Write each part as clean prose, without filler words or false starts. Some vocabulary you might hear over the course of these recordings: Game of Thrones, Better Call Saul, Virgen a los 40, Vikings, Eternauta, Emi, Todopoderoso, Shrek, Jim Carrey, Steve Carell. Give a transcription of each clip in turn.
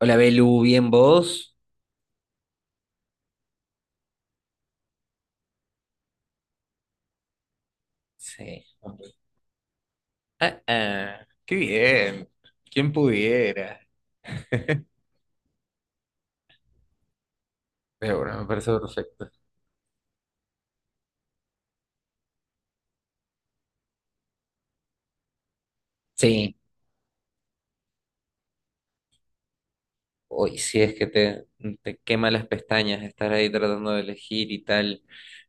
Hola Belu, ¿bien vos? Sí. Ah, ah, qué bien. ¿Quién pudiera? Pero bueno, me parece perfecto. Sí. Uy, sí, es que te quema las pestañas estar ahí tratando de elegir y tal.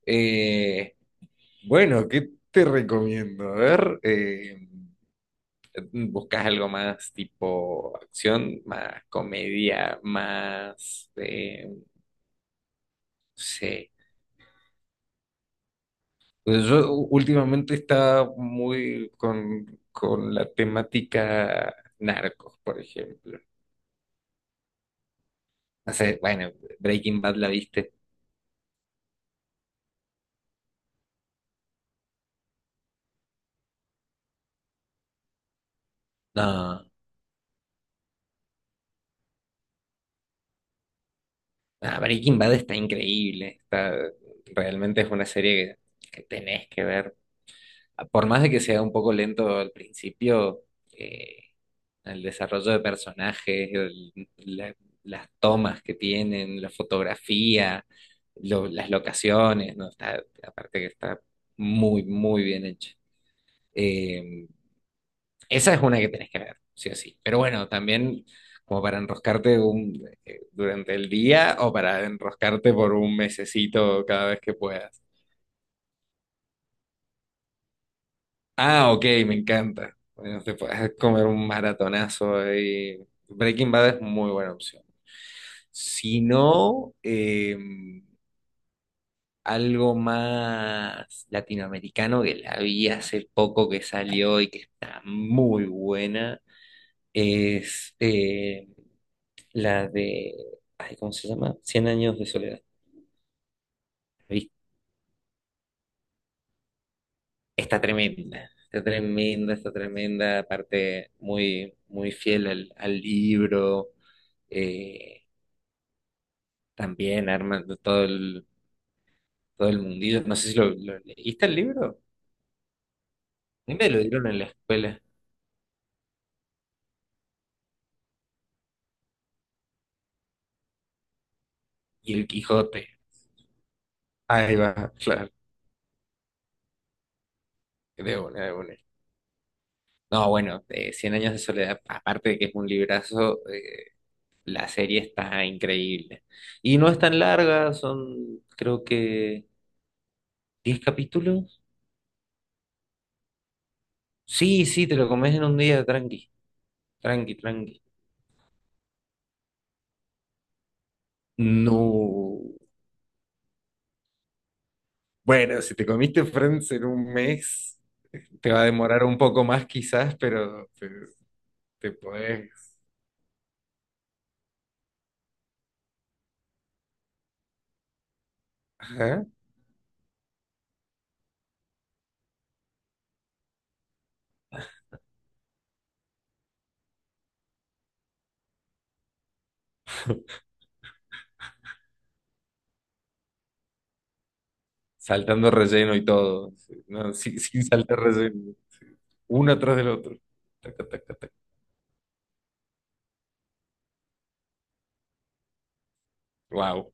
Eh, bueno, ¿qué te recomiendo? A ver, ¿buscas algo más tipo acción, más comedia, más, no sé. Pues yo últimamente está muy con la temática narcos, por ejemplo. No sé, bueno, Breaking Bad la viste. No, no, Breaking Bad está increíble. Está, realmente es una serie que tenés que ver. Por más de que sea un poco lento al principio, eh, el desarrollo de personajes, las tomas que tienen, la fotografía, las locaciones, ¿no? Está, aparte que está muy, muy bien hecho. Eh, esa es una que tenés que ver, sí o sí. Pero bueno, también como para enroscarte durante el día o para enroscarte por un mesecito cada vez que puedas. Ah, ok, me encanta. Bueno, te puedes comer un maratonazo ahí. Breaking Bad es muy buena opción. Si no, algo más latinoamericano que la vi hace poco que salió y que está muy buena es la de, ay, ¿cómo se llama? Cien años de soledad. Está tremenda, está tremenda, está tremenda, aparte muy, muy fiel al libro, eh, también armando todo el, mundillo. No sé si lo leíste el libro. A mí me lo dieron en la escuela, y el Quijote, ahí va, claro, de una, de una. No, bueno, Cien años de soledad, aparte de que es un librazo, la serie está increíble. Y no es tan larga, son creo que 10 capítulos. Sí, sí, te lo comes en un día, tranqui. Tranqui, tranqui. No. Bueno, si te comiste Friends en un mes, te va a demorar un poco más quizás, pero te podés. Ajá. Saltando relleno y todo. Sí. No, sin saltar relleno. Sí. Uno atrás del otro. Taca, taca, taca. Wow.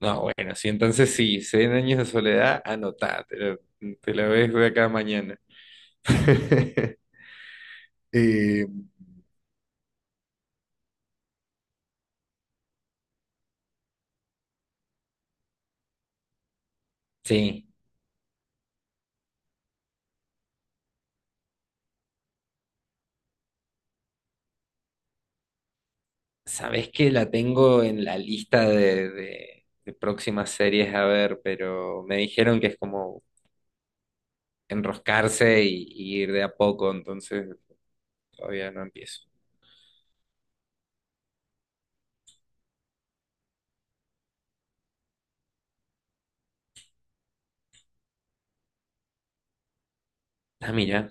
No, bueno, sí, entonces sí, 100 años de soledad, anotá, te la ves de acá a mañana. Eh, sí. Sabés que la tengo en la lista de, de próximas series a ver, pero me dijeron que es como enroscarse y ir de a poco, entonces todavía no empiezo. Ah, mira,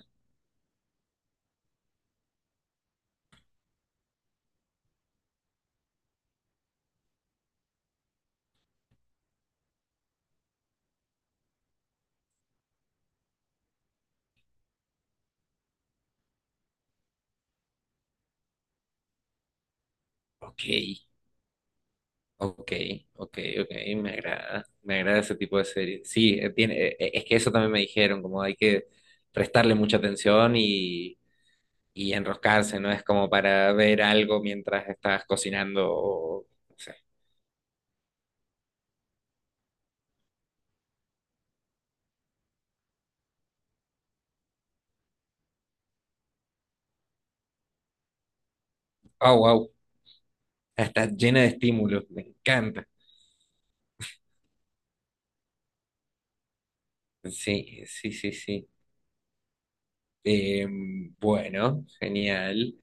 ok, ok, ok, ok, me agrada ese tipo de series. Sí, tiene, es que eso también me dijeron, como hay que prestarle mucha atención y enroscarse, no es como para ver algo mientras estás cocinando o, no sé. Oh, wow. Está llena de estímulos, me encanta. Sí, sí, sí, sí. Eh, bueno, genial.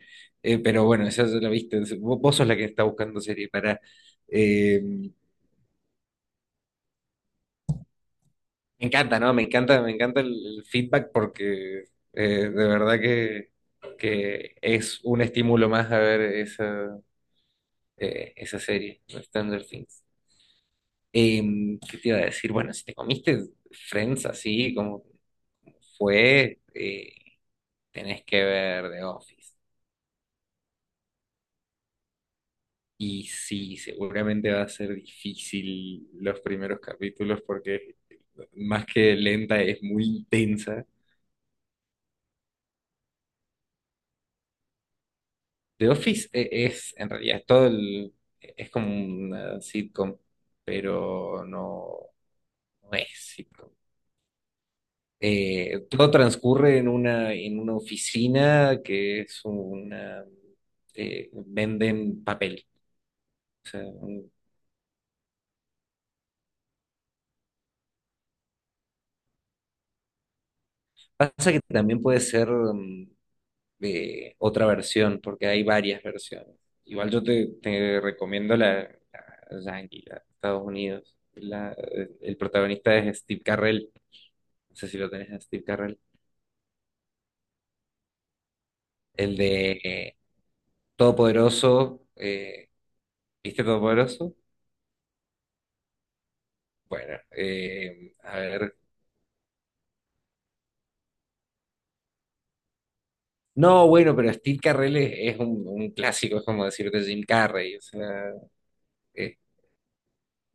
Pero bueno, eso ya lo viste. Vos sos la que está buscando serie para... me encanta, ¿no? Me encanta el feedback porque eh, de verdad que es un estímulo más a ver esa, esa serie, Stranger Things. ¿Qué te iba a decir? Bueno, si te comiste Friends así como fue... Tenés que ver The Office. Y sí, seguramente va a ser difícil los primeros capítulos porque más que lenta es muy intensa. The Office es, en realidad, todo el, es como una sitcom, pero no, no es sitcom. Todo transcurre en una, oficina que es una, venden papel. O sea, pasa que también puede ser otra versión, porque hay varias versiones. Igual yo te recomiendo la Yankee, la de Estados Unidos. El protagonista es Steve Carrell, no sé si lo tenés a Steve Carrell, el de Todopoderoso, ¿viste Todopoderoso? Bueno, a ver. No, bueno, pero Steve Carrell es un, clásico, es como decirte Jim Carrey, o sea, eh,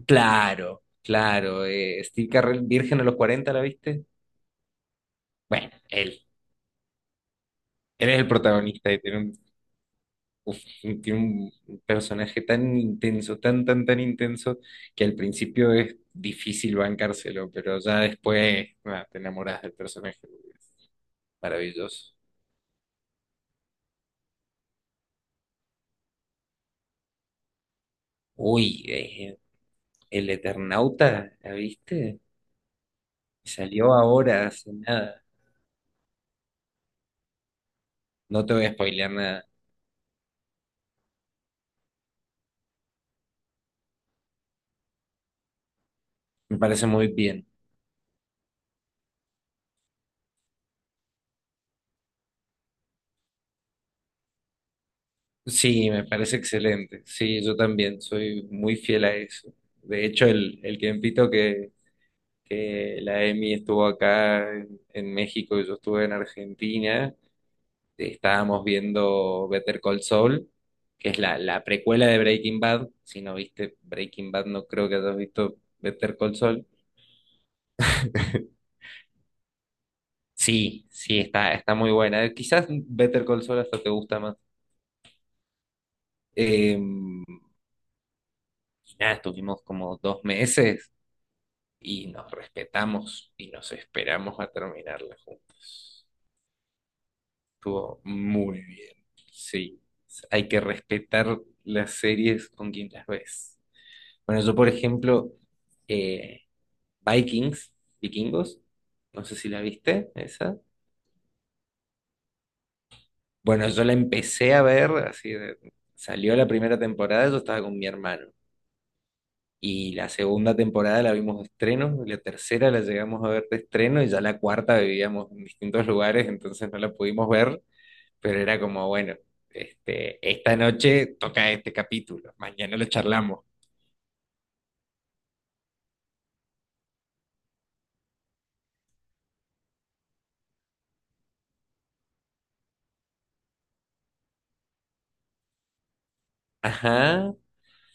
claro, claro, Steve Carrell, Virgen a los 40, ¿la viste? Bueno, él. Él es el protagonista y uf, tiene un personaje tan intenso, tan, tan, tan intenso, que al principio es difícil bancárselo, pero ya después ah, te enamoras del personaje. Es maravilloso. Uy, el Eternauta, ¿la viste? Salió ahora, hace nada. No te voy a spoilear nada. Me parece muy bien. Sí, me parece excelente. Sí, yo también soy muy fiel a eso. De hecho, el tiempito que la Emi estuvo acá en México y yo estuve en Argentina. Estábamos viendo Better Call Saul, que es la precuela de Breaking Bad. Si no viste Breaking Bad, no creo que hayas visto Better Call Saul. Sí, sí, está muy buena. Quizás Better Call Saul hasta te gusta más. Eh, y nada, estuvimos como dos meses y nos respetamos y nos esperamos a terminarla. Estuvo muy bien. Sí, hay que respetar las series con quien las ves. Bueno, yo, por ejemplo, eh, Vikings, Vikingos, no sé si la viste, esa. Bueno, yo la empecé a ver, salió la primera temporada, yo estaba con mi hermano. Y la segunda temporada la vimos de estreno, y la tercera la llegamos a ver de estreno, y ya la cuarta vivíamos en distintos lugares, entonces no la pudimos ver. Pero era como, bueno, este, esta noche toca este capítulo, mañana lo charlamos. Ajá.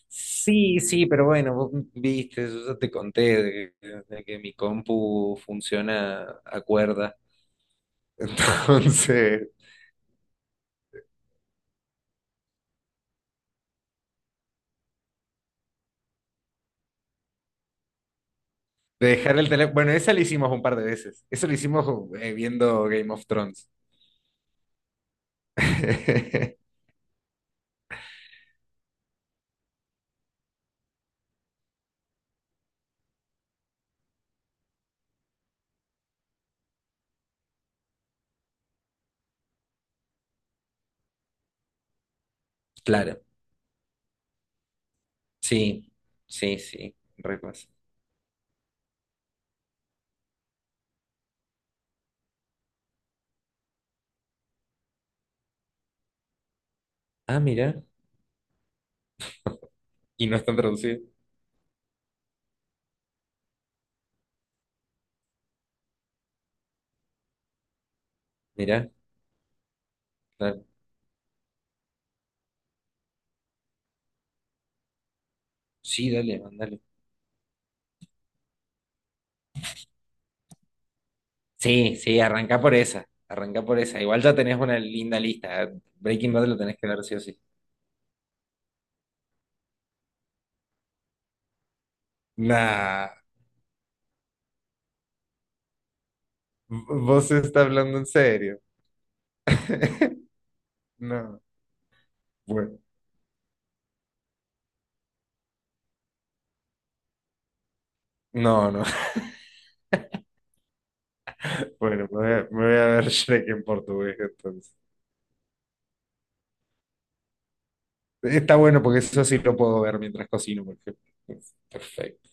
Sí, sí, pero bueno, vos viste, yo ya te conté de que mi compu funciona a cuerda. Entonces, de dejar el teléfono. Bueno, esa lo hicimos un par de veces. Eso lo hicimos viendo Game of Thrones. Claro, sí, sí, sí, re pasa. Ah, mira. Y no están traducidos. Mira, claro. Sí, dale, mandale. Sí, sí, arranca por esa, arranca por esa. Igual ya tenés una linda lista. ¿Eh? Breaking Bad lo tenés que ver sí o sí. Nah, vos está hablando en serio. No, bueno, no, no. Bueno, me voy a ver Shrek en portugués entonces. Está bueno porque eso sí lo puedo ver mientras cocino, por ejemplo. Perfecto,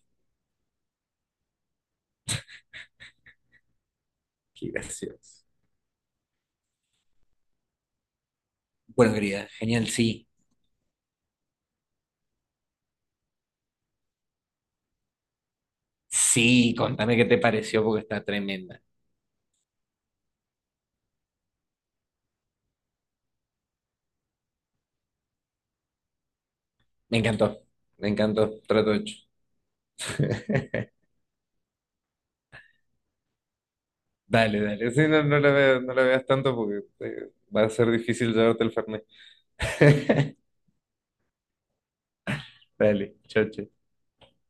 qué gracioso. Bueno, querida, genial, sí. Sí, contame qué te pareció porque está tremenda. Me encantó, me encantó, trato hecho. Dale, dale. Sí, no, no la veas, no la veas tanto porque va a ser difícil llevarte el fernet. Dale, chao, chao.